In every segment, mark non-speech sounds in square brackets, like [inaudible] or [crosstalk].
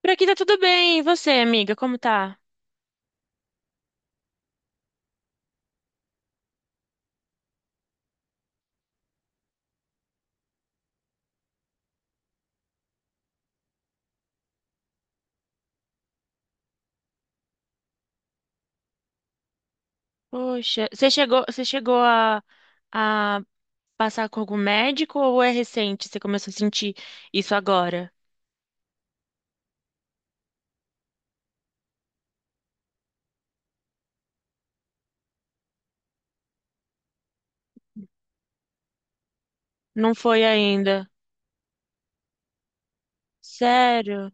Por aqui tá tudo bem. E você, amiga, como tá? Poxa, você chegou a passar com algum médico ou é recente? Você começou a sentir isso agora? Não foi ainda. Sério?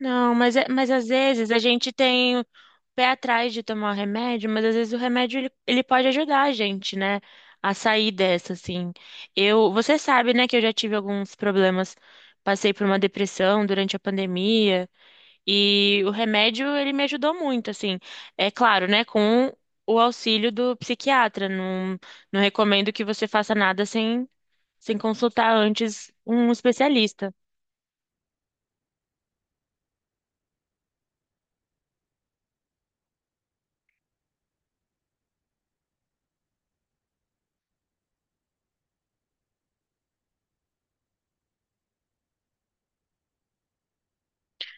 Não, mas, mas às vezes a gente tem o pé atrás de tomar o remédio, mas às vezes o remédio ele pode ajudar a gente, né? A sair dessa, assim. Eu, você sabe, né, que eu já tive alguns problemas. Passei por uma depressão durante a pandemia e o remédio ele me ajudou muito, assim. É claro, né, com o auxílio do psiquiatra. Não, não recomendo que você faça nada sem consultar antes um especialista.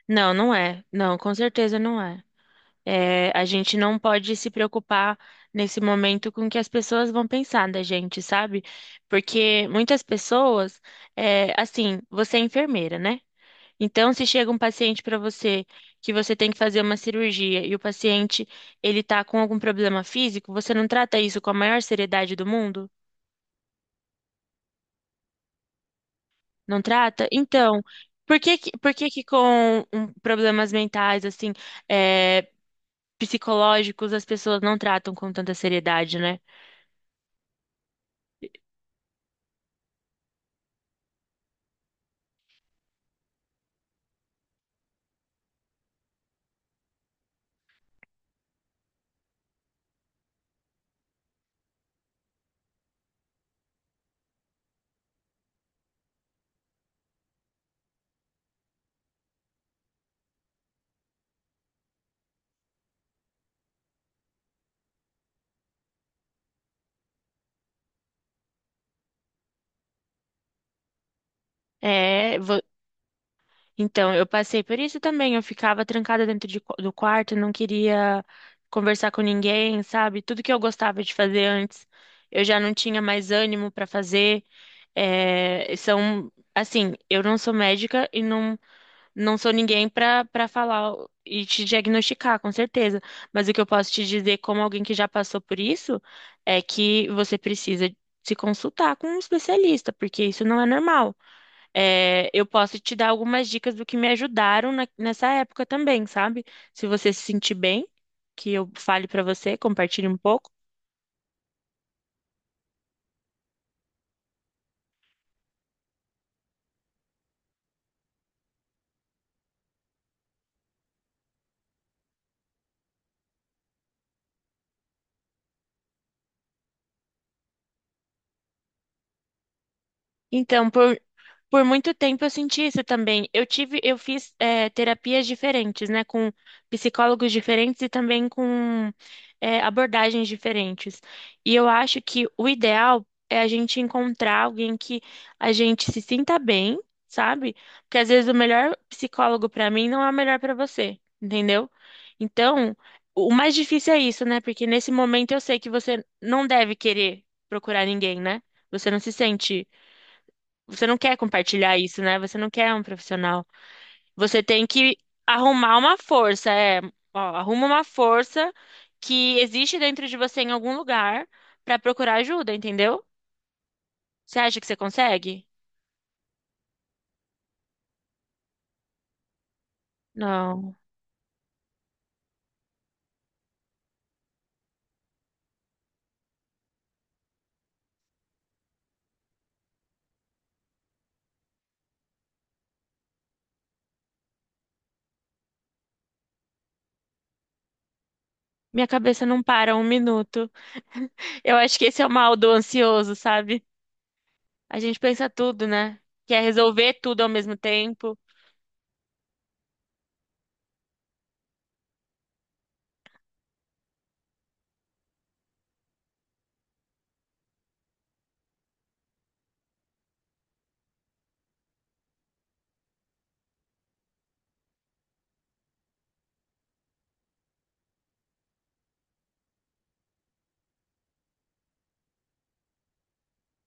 Não, não é. Não, com certeza não é. É, a gente não pode se preocupar nesse momento com o que as pessoas vão pensar da gente, sabe? Porque muitas pessoas, é, assim, você é enfermeira, né? Então, se chega um paciente para você que você tem que fazer uma cirurgia e o paciente ele tá com algum problema físico, você não trata isso com a maior seriedade do mundo? Não trata? Então, por que que com um, problemas mentais, assim, é, psicológicos, as pessoas não tratam com tanta seriedade, né? É, vo- então, eu passei por isso também. Eu ficava trancada dentro de do quarto, não queria conversar com ninguém, sabe? Tudo que eu gostava de fazer antes, eu já não tinha mais ânimo para fazer. É, são, assim, eu não sou médica e não sou ninguém para falar e te diagnosticar, com certeza. Mas o que eu posso te dizer, como alguém que já passou por isso, é que você precisa se consultar com um especialista, porque isso não é normal. É, eu posso te dar algumas dicas do que me ajudaram nessa época também, sabe? Se você se sentir bem, que eu fale pra você, compartilhe um pouco. Então, por, Por muito tempo eu senti isso também. Eu tive, eu fiz terapias diferentes, né, com psicólogos diferentes e também com abordagens diferentes. E eu acho que o ideal é a gente encontrar alguém que a gente se sinta bem, sabe? Porque às vezes o melhor psicólogo para mim não é o melhor para você, entendeu? Então, o mais difícil é isso, né? Porque nesse momento eu sei que você não deve querer procurar ninguém, né? Você não se sente você não quer compartilhar isso, né? Você não quer um profissional. Você tem que arrumar uma força, é, ó, arruma uma força que existe dentro de você em algum lugar para procurar ajuda, entendeu? Você acha que você consegue? Não. Minha cabeça não para um minuto. [laughs] Eu acho que esse é o mal do ansioso, sabe? A gente pensa tudo, né? Quer resolver tudo ao mesmo tempo.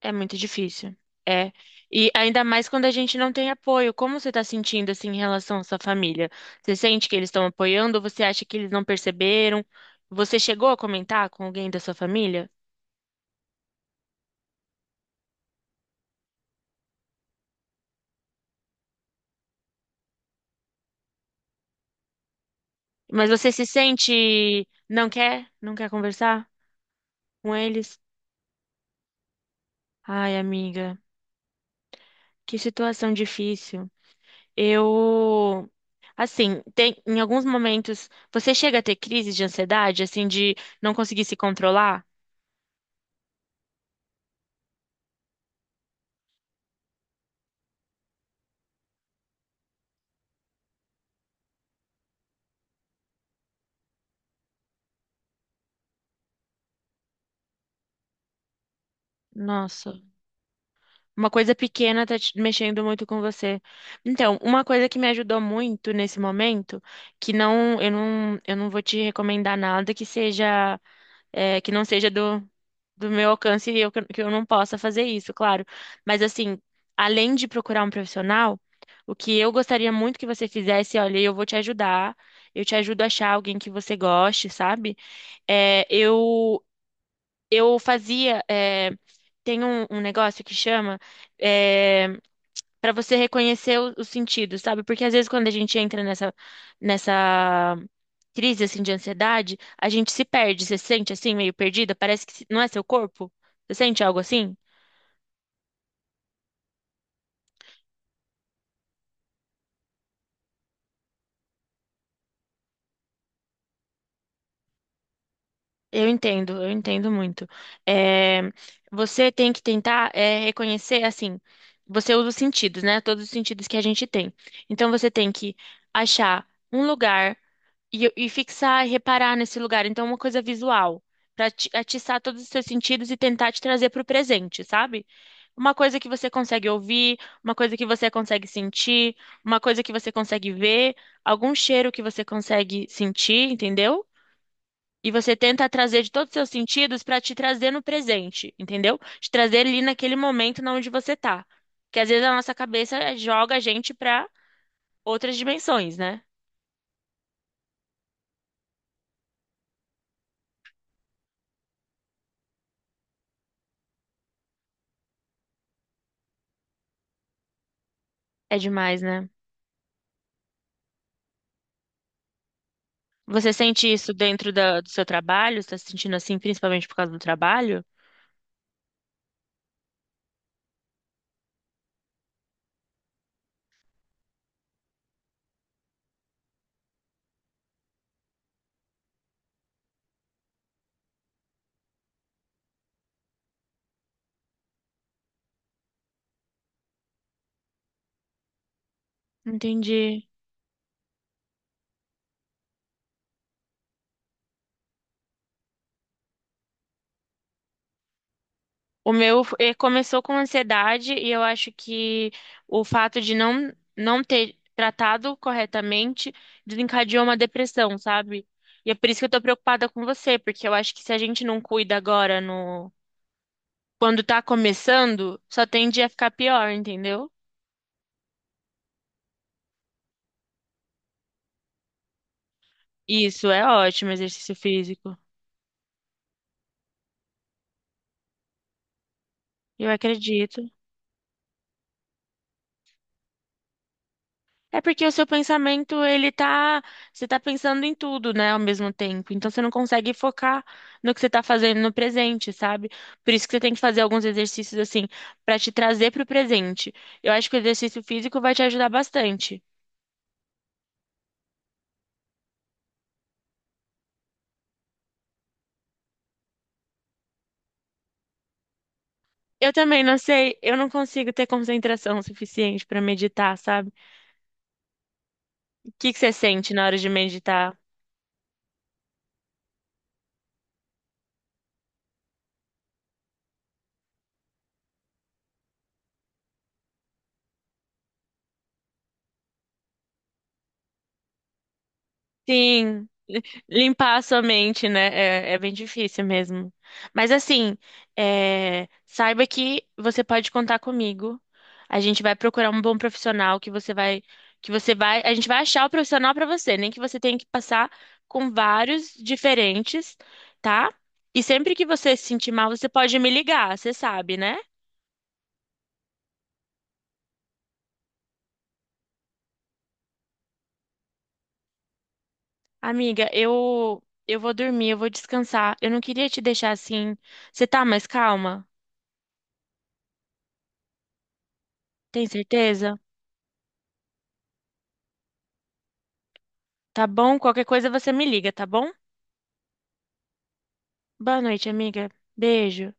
É muito difícil. É. E ainda mais quando a gente não tem apoio. Como você está sentindo assim em relação à sua família? Você sente que eles estão apoiando ou você acha que eles não perceberam? Você chegou a comentar com alguém da sua família? Mas você se sente não quer conversar com eles? Ai, amiga, que situação difícil. Eu assim, tem em alguns momentos você chega a ter crises de ansiedade, assim de não conseguir se controlar? Nossa. Uma coisa pequena tá te mexendo muito com você. Então, uma coisa que me ajudou muito nesse momento, que eu não vou te recomendar nada que seja, é, que não seja do, do meu alcance e eu, que eu que eu não possa fazer isso, claro. Mas assim, além de procurar um profissional, o que eu gostaria muito que você fizesse, olha, eu vou te ajudar, eu te ajudo a achar alguém que você goste, sabe? É, eu fazia. Tem um negócio que chama eh, para você reconhecer os sentidos, sabe? Porque às vezes quando a gente entra nessa crise assim de ansiedade, a gente se perde. Você se sente assim, meio perdida? Parece que não é seu corpo? Você sente algo assim? Eu entendo muito. Eh, Você tem que tentar reconhecer assim. Você usa os sentidos, né? Todos os sentidos que a gente tem. Então você tem que achar um lugar e, e fixar e reparar nesse lugar. Então, é uma coisa visual, para atiçar todos os seus sentidos e tentar te trazer para o presente, sabe? Uma coisa que você consegue ouvir, uma coisa que você consegue sentir, uma coisa que você consegue ver, algum cheiro que você consegue sentir, entendeu? E você tenta trazer de todos os seus sentidos para te trazer no presente, entendeu? Te trazer ali naquele momento na onde você tá. Porque às vezes a nossa cabeça joga a gente para outras dimensões, né? É demais, né? Você sente isso dentro do seu trabalho? Você está se sentindo assim, principalmente por causa do trabalho? Entendi. O meu começou com ansiedade e eu acho que o fato de não ter tratado corretamente desencadeou uma depressão, sabe? E é por isso que eu tô preocupada com você, porque eu acho que se a gente não cuida agora no quando tá começando, só tende a ficar pior, entendeu? Isso é ótimo, exercício físico. Eu acredito. É porque o seu pensamento, ele tá, você tá pensando em tudo, né, ao mesmo tempo. Então você não consegue focar no que você tá fazendo no presente, sabe? Por isso que você tem que fazer alguns exercícios assim pra te trazer pro presente. Eu acho que o exercício físico vai te ajudar bastante. Eu também não sei, eu não consigo ter concentração suficiente pra meditar, sabe? O que que você sente na hora de meditar? Sim. Limpar a sua mente, né? É, é bem difícil mesmo. Mas assim, é, saiba que você pode contar comigo. A gente vai procurar um bom profissional que você vai, a gente vai achar o profissional para você, nem que você tenha que passar com vários diferentes, tá? E sempre que você se sentir mal, você pode me ligar, você sabe, né? Amiga, eu vou dormir, eu vou descansar. Eu não queria te deixar assim. Você tá mais calma? Tem certeza? Tá bom? Qualquer coisa você me liga, tá bom? Boa noite, amiga. Beijo.